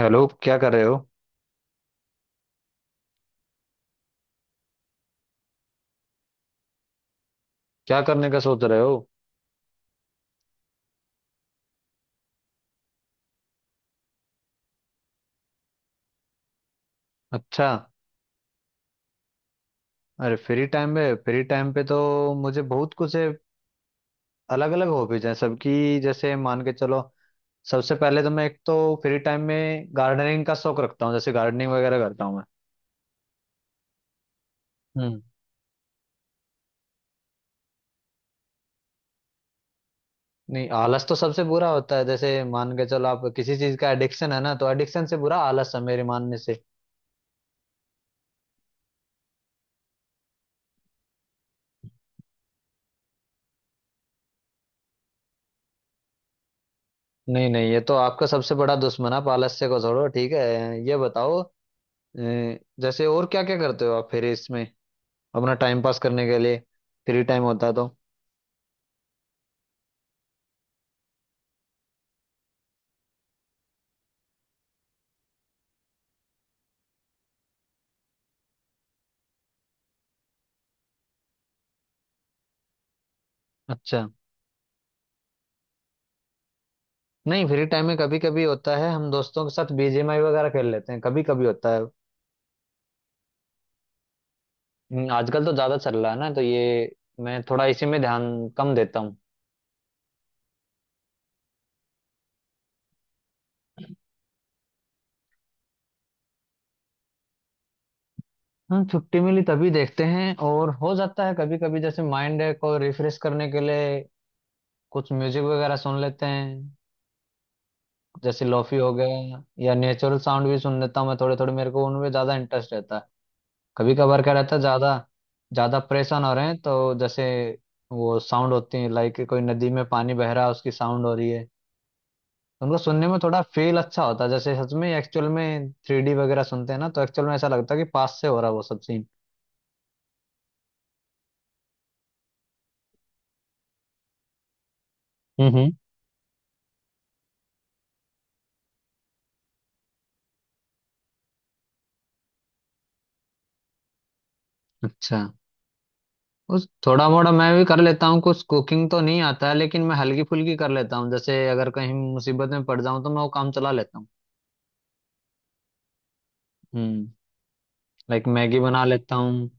Hello, क्या कर रहे हो? क्या करने का सोच रहे हो? अच्छा। अरे फ्री टाइम में, फ्री टाइम पे तो मुझे बहुत कुछ है। अलग अलग हॉबीज हैं सबकी। जैसे मान के चलो, सबसे पहले तो मैं एक तो फ्री टाइम में गार्डनिंग का शौक रखता हूँ, जैसे गार्डनिंग वगैरह करता हूँ मैं। हम्म। नहीं, आलस तो सबसे बुरा होता है। जैसे मान के चलो, आप किसी चीज का एडिक्शन है ना, तो एडिक्शन से बुरा आलस है मेरे मानने से। नहीं नहीं, ये तो आपका सबसे बड़ा दुश्मन है, आप आलस्य को छोड़ो। ठीक है, ये बताओ अ, जैसे और क्या क्या करते हो आप फिर इसमें, अपना टाइम पास करने के लिए फ्री टाइम होता है तो? अच्छा। नहीं, फ्री टाइम में कभी कभी होता है, हम दोस्तों के साथ बीजीएमआई वगैरह खेल लेते हैं कभी कभी होता है। आजकल तो ज्यादा चल रहा है ना, तो ये मैं थोड़ा इसी में ध्यान कम देता हूँ। हाँ, छुट्टी मिली तभी देखते हैं। और हो जाता है कभी कभी, जैसे माइंड को रिफ्रेश करने के लिए कुछ म्यूजिक वगैरह सुन लेते हैं। जैसे लोफी हो गया या नेचुरल साउंड भी सुन लेता हूँ मैं, थोड़े थोड़े मेरे को उनमें ज्यादा इंटरेस्ट रहता है। कभी कभार क्या रहता है, ज्यादा ज्यादा परेशान हो रहे हैं तो जैसे वो साउंड होती है, लाइक कोई नदी में पानी बह रहा है, उसकी साउंड हो रही है, तो उनको सुनने में थोड़ा फील अच्छा होता है। जैसे सच में, एक्चुअल में थ्री डी वगैरह सुनते हैं ना, तो एक्चुअल में ऐसा लगता है कि पास से हो रहा है वो सब सीन। हम्म। अच्छा। उस थोड़ा मोड़ा मैं भी कर लेता हूँ। कुछ कुकिंग तो नहीं आता है लेकिन मैं हल्की फुल्की कर लेता हूँ। जैसे अगर कहीं मुसीबत में पड़ जाऊँ तो मैं वो काम चला लेता हूँ। हम्म। लाइक मैगी बना लेता हूँ।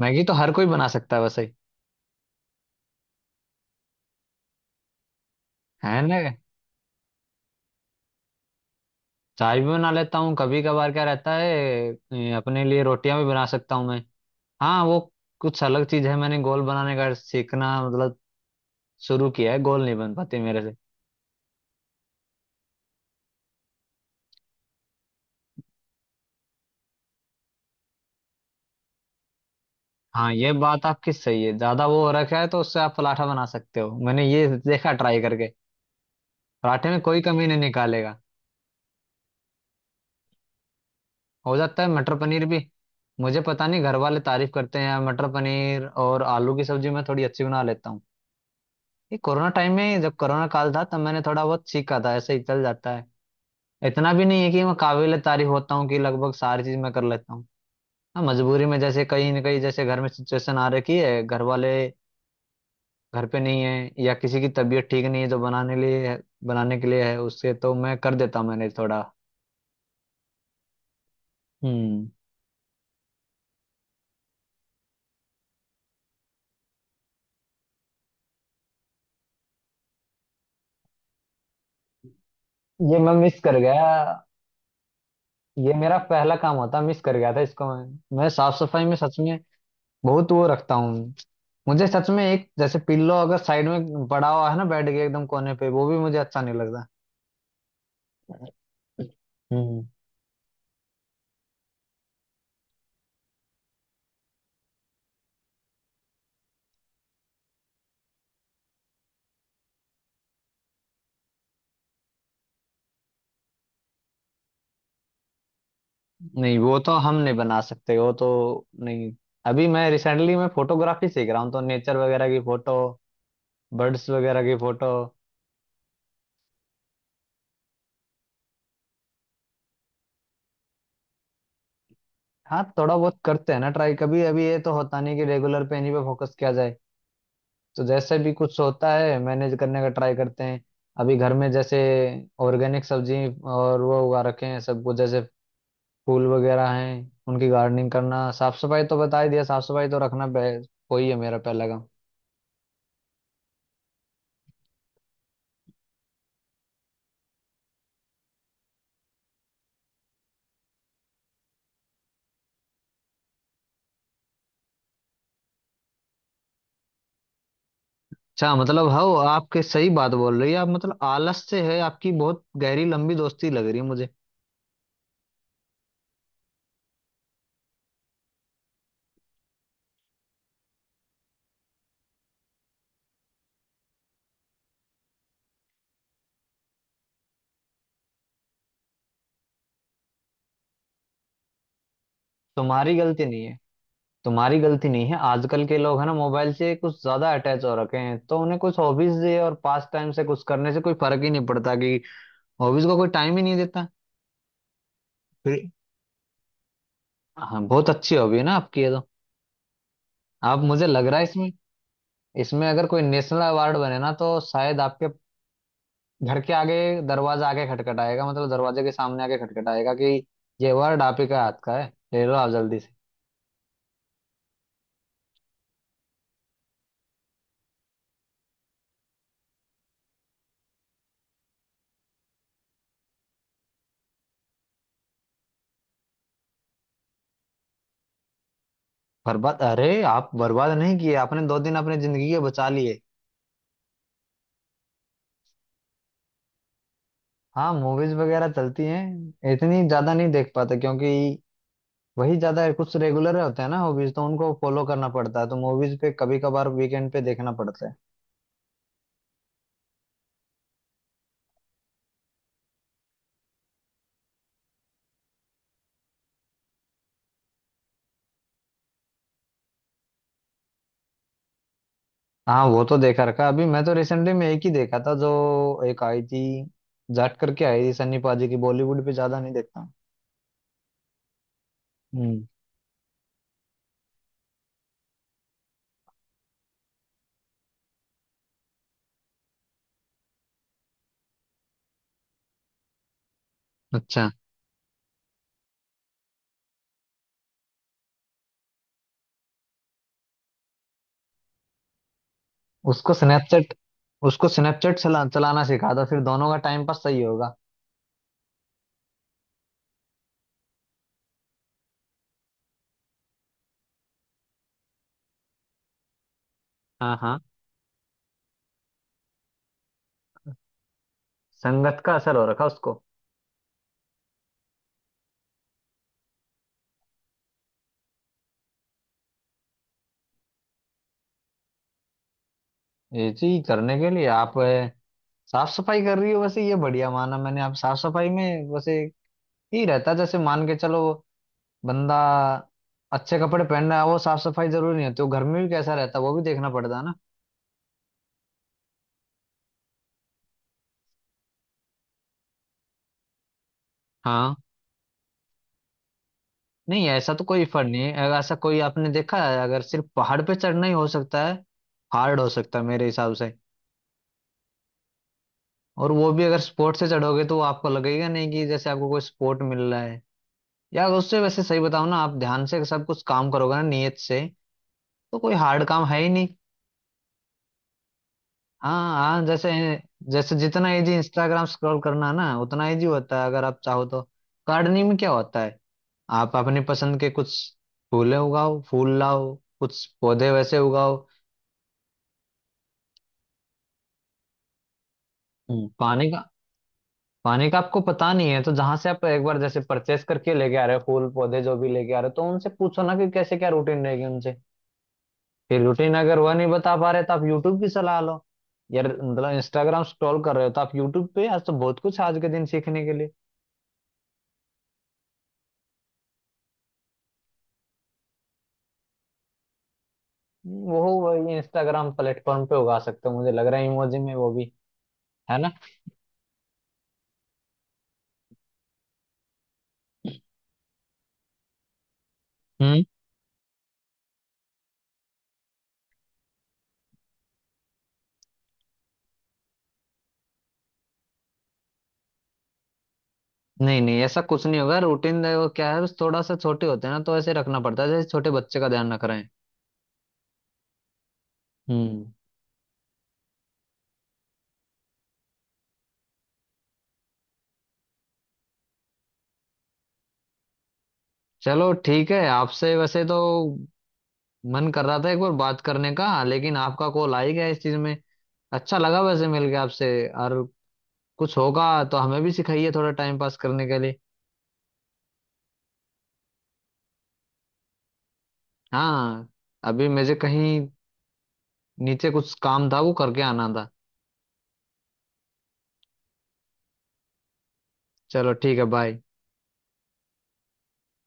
मैगी तो हर कोई बना सकता है वैसे। है ना। चाय भी बना लेता हूँ। कभी कभार क्या रहता है, अपने लिए रोटियां भी बना सकता हूँ मैं। हाँ वो कुछ अलग चीज है, मैंने गोल बनाने का सीखना, मतलब शुरू किया है, गोल नहीं बन पाते मेरे से। हाँ ये बात आपकी सही है, ज्यादा वो हो रखा है तो उससे आप पराठा बना सकते हो, मैंने ये देखा ट्राई करके। पराठे में कोई कमी नहीं निकालेगा। हो जाता है मटर पनीर भी। मुझे पता नहीं, घर वाले तारीफ करते हैं, मटर पनीर और आलू की सब्जी मैं थोड़ी अच्छी बना लेता हूँ। ये कोरोना टाइम में जब कोरोना काल था तब मैंने थोड़ा बहुत सीखा था, ऐसे ही चल जाता है। इतना भी नहीं है कि मैं काबिल तारीफ होता हूँ कि लगभग सारी चीज मैं कर लेता हूँ। हाँ मजबूरी में, जैसे कहीं ना कहीं जैसे घर में सिचुएशन आ रखी है, घर वाले घर पे नहीं है या किसी की तबीयत ठीक नहीं है, जो बनाने लिए है, बनाने के लिए है, उससे तो मैं कर देता हूँ। मैंने थोड़ा, हम्म, ये मैं मिस कर गया। ये मेरा पहला काम होता, मिस कर गया था इसको। मैं साफ सफाई में सच में बहुत वो रखता हूँ। मुझे सच में एक जैसे पिल्लो अगर साइड में पड़ा हुआ है ना, बेड के एकदम कोने पे, वो भी मुझे अच्छा नहीं लगता। हम्म। नहीं वो तो हम नहीं बना सकते वो तो, नहीं। अभी मैं रिसेंटली मैं फोटोग्राफी सीख रहा हूँ, तो नेचर वगैरह की फोटो, बर्ड्स वगैरह की फोटो। हाँ थोड़ा बहुत करते हैं ना ट्राई कभी, अभी ये तो होता नहीं कि रेगुलर पे इन्हीं पे फोकस किया जाए, तो जैसे भी कुछ होता है मैनेज करने का ट्राई करते हैं। अभी घर में जैसे ऑर्गेनिक सब्जी और वो उगा रखे हैं सब कुछ। जैसे फूल वगैरह हैं उनकी गार्डनिंग करना, साफ सफाई तो बता ही दिया, साफ सफाई तो रखना कोई है मेरा पहला। अच्छा, मतलब हाँ आपके सही बात बोल रही है आप, मतलब आलस से है आपकी बहुत गहरी लंबी दोस्ती लग रही है मुझे। तुम्हारी गलती नहीं है, तुम्हारी गलती नहीं है। आजकल के लोग है ना, मोबाइल से कुछ ज्यादा अटैच हो रखे हैं, तो उन्हें कुछ हॉबीज दे और पास टाइम से कुछ करने से कोई फर्क ही नहीं पड़ता कि, हॉबीज को कोई टाइम ही नहीं देता फिर। हाँ बहुत अच्छी हॉबी है ना आपकी ये तो। आप, मुझे लग रहा है इसमें, इसमें अगर कोई नेशनल अवार्ड बने ना, तो शायद आपके घर के आगे दरवाजा आके खटखटाएगा, मतलब दरवाजे के सामने आके खटखटाएगा कि ये वर्ड आप ही का हाथ का है, ले लो आप जल्दी से। बर्बाद? अरे, आप बर्बाद नहीं किए, आपने दो दिन अपनी जिंदगी के बचा लिए। हाँ, मूवीज वगैरह चलती हैं। इतनी ज्यादा नहीं देख पाते क्योंकि वही ज्यादा कुछ रेगुलर होते हैं ना हॉबीज, तो उनको फॉलो करना पड़ता है, तो मूवीज पे कभी कभार वीकेंड पे देखना पड़ता है। हाँ वो तो देखा रखा है। अभी मैं तो रिसेंटली में एक ही देखा था, जो एक आई थी, जाट करके आई थी सन्नी पाजी की। बॉलीवुड पे ज्यादा नहीं देखता हूँ। हम्म। अच्छा। उसको स्नैपचैट, उसको स्नैपचैट चलाना सिखा था, फिर दोनों का टाइम पास सही होगा। हाँ हाँ, संगत का असर हो रखा उसको। ये चीज करने के लिए आप, साफ सफाई कर रही हो वैसे, ये बढ़िया माना मैंने। आप साफ सफाई में वैसे ही रहता, जैसे मान के चलो बंदा अच्छे कपड़े पहन रहा है, वो साफ सफाई जरूरी नहीं होती, वो घर में भी कैसा रहता है वो भी देखना पड़ता है ना। हाँ। नहीं ऐसा तो कोई फर्क नहीं है, अगर ऐसा कोई आपने देखा है, अगर सिर्फ पहाड़ पे चढ़ना ही हो सकता है, हार्ड हो सकता है मेरे हिसाब से। और वो भी अगर स्पोर्ट से चढ़ोगे, तो वो आपको लगेगा नहीं कि जैसे आपको कोई स्पोर्ट मिल रहा है। या अगर उससे, वैसे सही बताओ ना, आप ध्यान से सब कुछ काम करोगे ना नियत से, तो कोई हार्ड काम है ही नहीं। हाँ हाँ, जैसे जैसे जितना इजी इंस्टाग्राम स्क्रॉल करना ना, उतना इजी होता है अगर आप चाहो तो। गार्डनिंग में क्या होता है, आप अपनी पसंद के कुछ फूले उगाओ, फूल लाओ, कुछ पौधे वैसे उगाओ। हम्म, पानी का, पानी का आपको पता नहीं है तो जहां से आप एक बार जैसे परचेस करके लेके आ रहे हो, फूल पौधे जो भी लेके आ रहे हो, तो उनसे पूछो ना कि कैसे क्या रूटीन रहेगी उनसे। फिर रूटीन अगर वह नहीं बता पा रहे तो आप यूट्यूब की सलाह लो। यार मतलब इंस्टाग्राम स्क्रॉल कर रहे हो, तो आप यूट्यूब पे आज तो बहुत कुछ आज के दिन सीखने के लिए। वो इंस्टाग्राम प्लेटफॉर्म पे उगा सकते हो मुझे लग रहा है, इमोजी में वो भी, है ना। हम्म। नहीं नहीं ऐसा कुछ नहीं होगा, रूटीन देखो क्या है, बस थोड़ा सा छोटे होते हैं ना, तो ऐसे रखना पड़ता है, जैसे छोटे बच्चे का ध्यान रख रहे हैं। हम्म। चलो ठीक है, आपसे वैसे तो मन कर रहा था एक बार बात करने का, लेकिन आपका कॉल आ ही गया इस चीज में। अच्छा लगा वैसे मिल के आपसे, और कुछ होगा तो हमें भी सिखाइए थोड़ा टाइम पास करने के लिए। हाँ, अभी मुझे कहीं नीचे कुछ काम था, वो करके आना था। चलो ठीक है, बाय।